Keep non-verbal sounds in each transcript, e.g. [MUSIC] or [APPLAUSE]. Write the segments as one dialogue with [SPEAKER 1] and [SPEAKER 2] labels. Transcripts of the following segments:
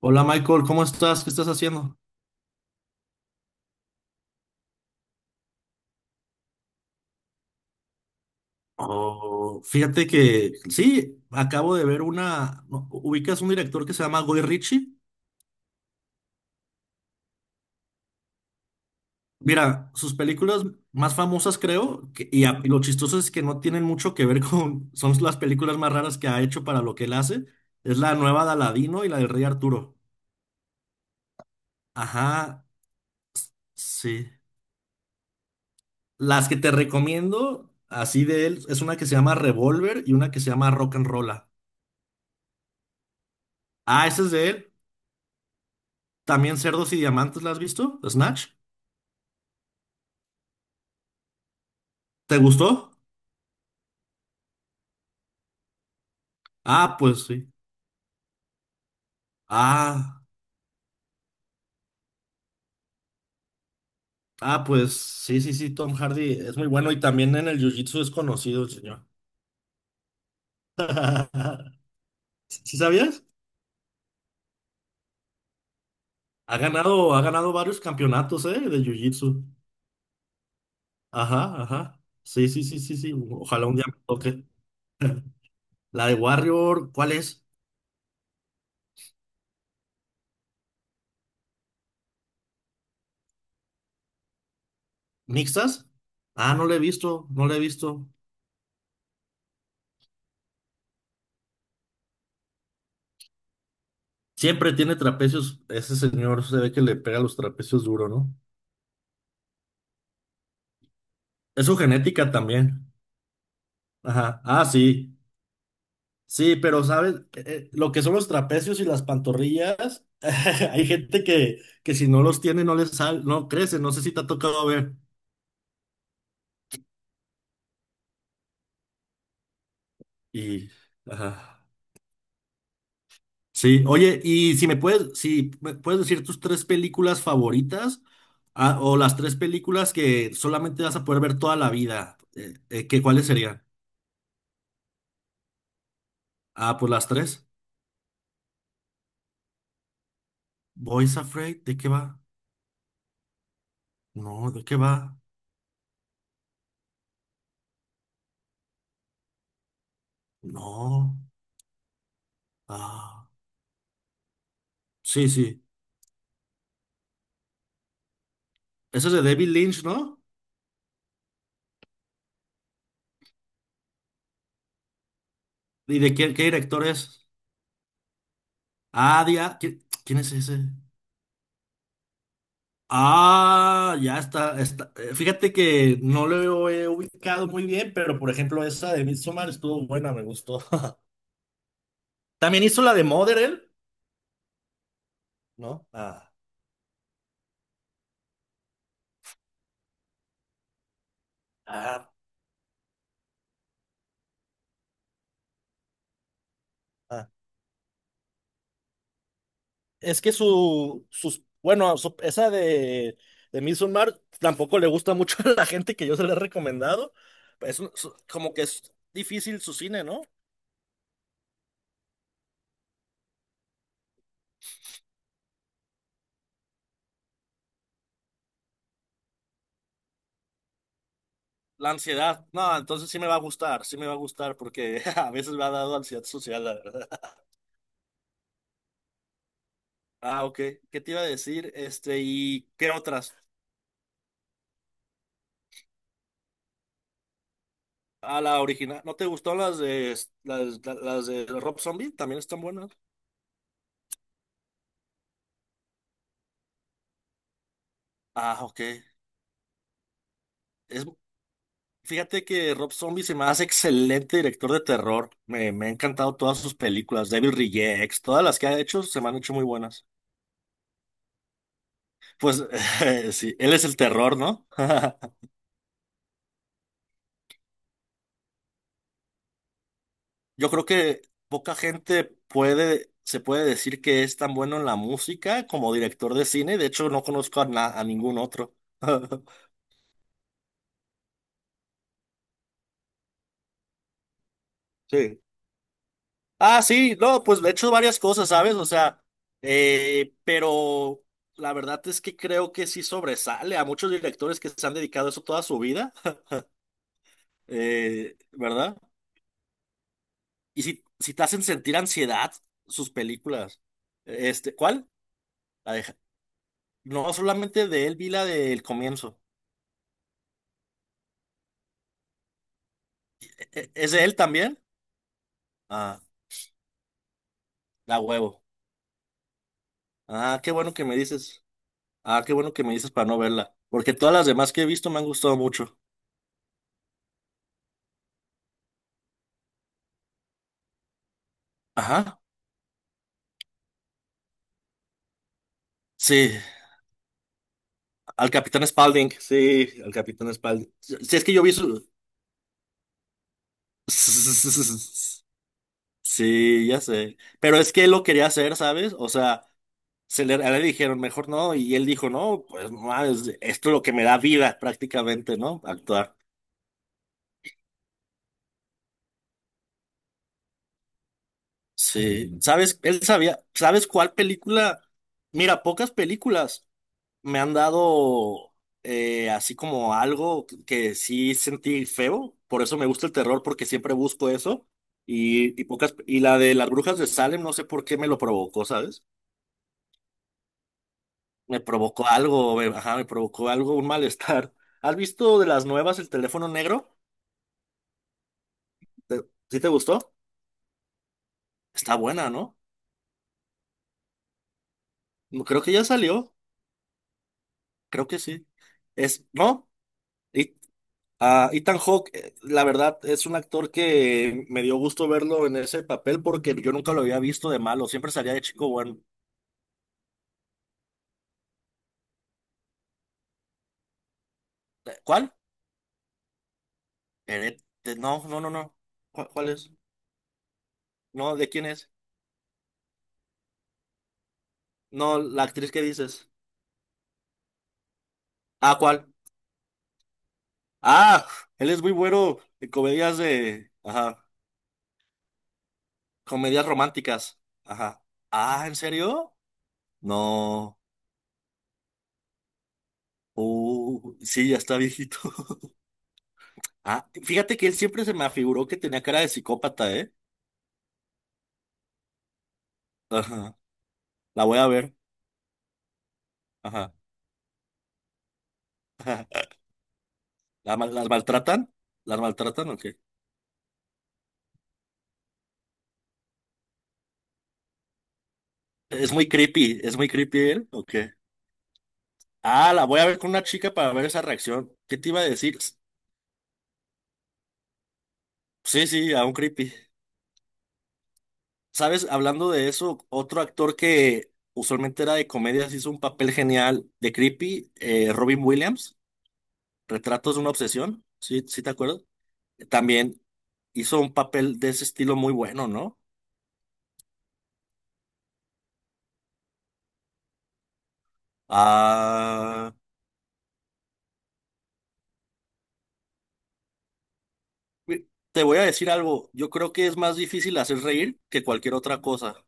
[SPEAKER 1] Hola Michael, ¿cómo estás? ¿Qué estás haciendo? Oh, fíjate que sí, acabo de ver una. No, ¿ubicas un director que se llama Guy Ritchie? Mira, sus películas más famosas creo, y lo chistoso es que no tienen mucho que ver [LAUGHS] con. Son las películas más raras que ha hecho para lo que él hace. Es la nueva de Aladino y la del Rey Arturo. Ajá, sí. Las que te recomiendo, así de él, es una que se llama Revolver y una que se llama Rock and Rolla. Ah, esa es de él. También Cerdos y Diamantes, ¿la has visto? ¿Snatch? ¿Te gustó? Ah, pues sí. Ah, ah, pues sí, sí, sí, Tom Hardy es muy bueno y también en el Jiu-Jitsu es conocido el señor. [LAUGHS] ¿Sí sabías? Ha ganado varios campeonatos, ¿eh? De Jiu-Jitsu. Ajá, ajá. Sí, sí, sí, sí, sí. Ojalá un día me toque. La de Warrior, ¿cuál es? ¿Mixtas? Ah, no la he visto, no la he visto. Siempre tiene trapecios. Ese señor se ve que le pega los trapecios duro, ¿no? Es su genética también. Ajá. Ah, sí. Sí, pero ¿sabes? Lo que son los trapecios y las pantorrillas, [LAUGHS] hay gente que, si no los tiene no les sal, no crece, no sé si te ha tocado ver. Y, ajá. Sí, oye, si me puedes decir tus tres películas favoritas, ah, o las tres películas que solamente vas a poder ver toda la vida, ¿ cuáles serían? Ah, pues las tres. Boys Afraid, ¿de qué va? No, ¿de qué va? No. Ah, sí, sí. Eso es de David Lynch, ¿no? ¿Qué director es? ¿Quién es ese? Ah, ya está, está. Fíjate que no lo he ubicado muy bien, pero por ejemplo, esa de Midsommar estuvo buena, me gustó. [LAUGHS] También hizo la de Mother, él, ¿no? Ah, ah. Es que su, sus, bueno, su- esa de Midsommar tampoco le gusta mucho [LAUGHS] a la gente que yo se la he recomendado. Como que es difícil su cine, ¿no? La ansiedad, no, entonces sí me va a gustar, sí me va a gustar porque [LAUGHS] a veces me ha dado ansiedad social, la verdad. [LAUGHS] Ah, ok. ¿Qué te iba a decir? Este, ¿y qué otras? Ah, la original. ¿No te gustó las de Rob Zombie? También están buenas. Ah, ok. Es, fíjate que Rob Zombie se me hace excelente director de terror. Me han encantado todas sus películas, Devil Rejects, todas las que ha hecho se me han hecho muy buenas. Pues [LAUGHS] sí, él es el terror, ¿no? [LAUGHS] Yo creo que poca gente puede, se puede decir que es tan bueno en la música como director de cine. De hecho, no conozco a, na- a ningún otro. [LAUGHS] Sí. Ah, sí, no, pues he hecho varias cosas, ¿sabes? O sea, pero la verdad es que creo que sí sobresale a muchos directores que se han dedicado a eso toda su vida, [LAUGHS] ¿verdad? Y si, si te hacen sentir ansiedad sus películas. Este, ¿cuál? La de- Ja, no, solamente de él vi la del comienzo. ¿Es de él también? Ah, la huevo. Ah, qué bueno que me dices. Ah, qué bueno que me dices para no verla. Porque todas las demás que he visto me han gustado mucho. Ajá. Sí, al Capitán Spaulding. Sí, al Capitán Spaulding. Si es que yo vi su... [LAUGHS] Sí, ya sé. Pero es que él lo quería hacer, ¿sabes? O sea, a él le dijeron, mejor no. Y él dijo, no, pues no mames, esto es lo que me da vida prácticamente, ¿no? Actuar. Sí. ¿Sabes? Él sabía. ¿Sabes cuál película? Mira, pocas películas me han dado así como algo que sí sentí feo, por eso me gusta el terror, porque siempre busco eso. Y la de las brujas de Salem, no sé por qué me lo provocó, ¿sabes? Me provocó algo, ajá, me provocó algo, un malestar. [LAUGHS] ¿Has visto de las nuevas el teléfono negro? ¿Te- ¿Sí te gustó? Está buena, ¿no? No, creo que ya salió, creo que sí. Es, ¿no? Ah, Ethan Hawke, la verdad, es un actor que me dio gusto verlo en ese papel porque yo nunca lo había visto de malo, siempre salía de chico bueno. ¿Cuál? No, no, no, no. ¿Cuál, cuál es? No, ¿de quién es? No, la actriz que dices. Ah, ¿cuál? Ah, él es muy bueno en comedias de... Ajá, comedias románticas. Ajá. Ah, ¿en serio? No. Sí, ya está viejito. [LAUGHS] Ah, fíjate que él siempre se me afiguró que tenía cara de psicópata, ¿eh? Ajá. La voy a ver. Ajá. [LAUGHS] ajá. ¿Las maltratan? ¿Las maltratan o qué? Es muy creepy. ¿Es muy creepy él o qué? Ah, la voy a ver con una chica para ver esa reacción. ¿Qué te iba a decir? S- Sí, sí, a un creepy. ¿Sabes? Hablando de eso, otro actor que usualmente era de comedias hizo un papel genial de creepy, Robin Williams. Retratos de una obsesión. Sí, sí te acuerdas. También hizo un papel de ese estilo muy bueno, ¿no? Ah. Mi- Te voy a decir algo, yo creo que es más difícil hacer reír que cualquier otra cosa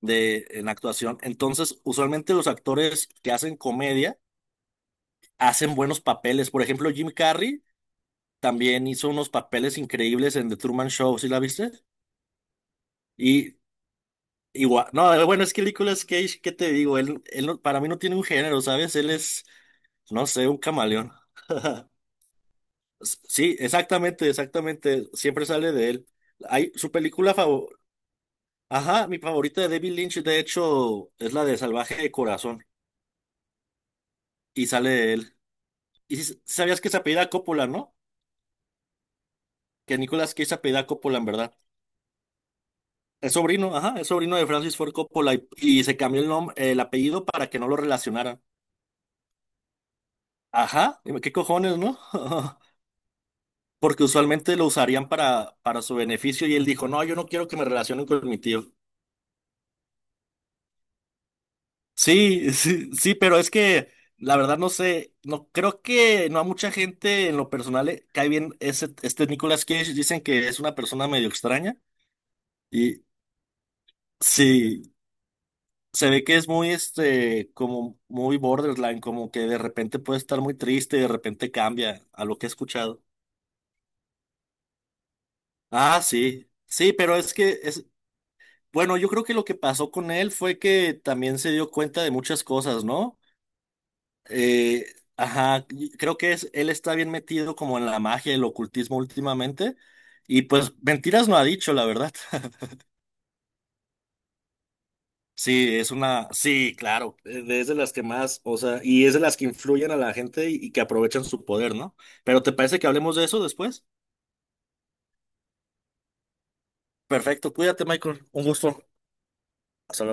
[SPEAKER 1] de en actuación. Entonces, usualmente los actores que hacen comedia hacen buenos papeles. Por ejemplo, Jim Carrey también hizo unos papeles increíbles en The Truman Show, ¿sí la viste? Y igual, no, bueno, es que Nicolas Cage, ¿qué te digo? Él no- Para mí no tiene un género, ¿sabes? Él es, no sé, un camaleón. [LAUGHS] Sí, exactamente, exactamente, siempre sale de él. Hay su película favorita. Ajá, mi favorita de David Lynch, de hecho, es la de Salvaje de Corazón, y sale él. ¿Y si sabías que se apellida Coppola, ¿no? Que Nicolas Cage se apellida Coppola, en verdad. Es sobrino, ajá, es sobrino de Francis Ford Coppola, y, se cambió el nombre, el apellido para que no lo relacionaran. Ajá, dime, qué cojones, ¿no? [LAUGHS] Porque usualmente lo usarían para, su beneficio, y él dijo, no, yo no quiero que me relacionen con mi tío. Sí, sí, sí, pero es que la verdad no sé, no creo que no a mucha gente en lo personal le cae bien ese, este Nicolas Cage, dicen que es una persona medio extraña y sí, se ve que es muy este como muy borderline, como que de repente puede estar muy triste y de repente cambia a lo que he escuchado. Ah, sí. Sí, pero es que es bueno, yo creo que lo que pasó con él fue que también se dio cuenta de muchas cosas, ¿no? Eh, ajá, y creo que es, él está bien metido como en la magia y el ocultismo últimamente. Y pues mentiras no ha dicho, la verdad. [LAUGHS] Sí, es una, sí, claro, es de las que más, o sea, y es de las que influyen a la gente y, que aprovechan su poder, ¿no? Pero ¿te parece que hablemos de eso después? Perfecto, cuídate, Michael. Un gusto. Hasta luego.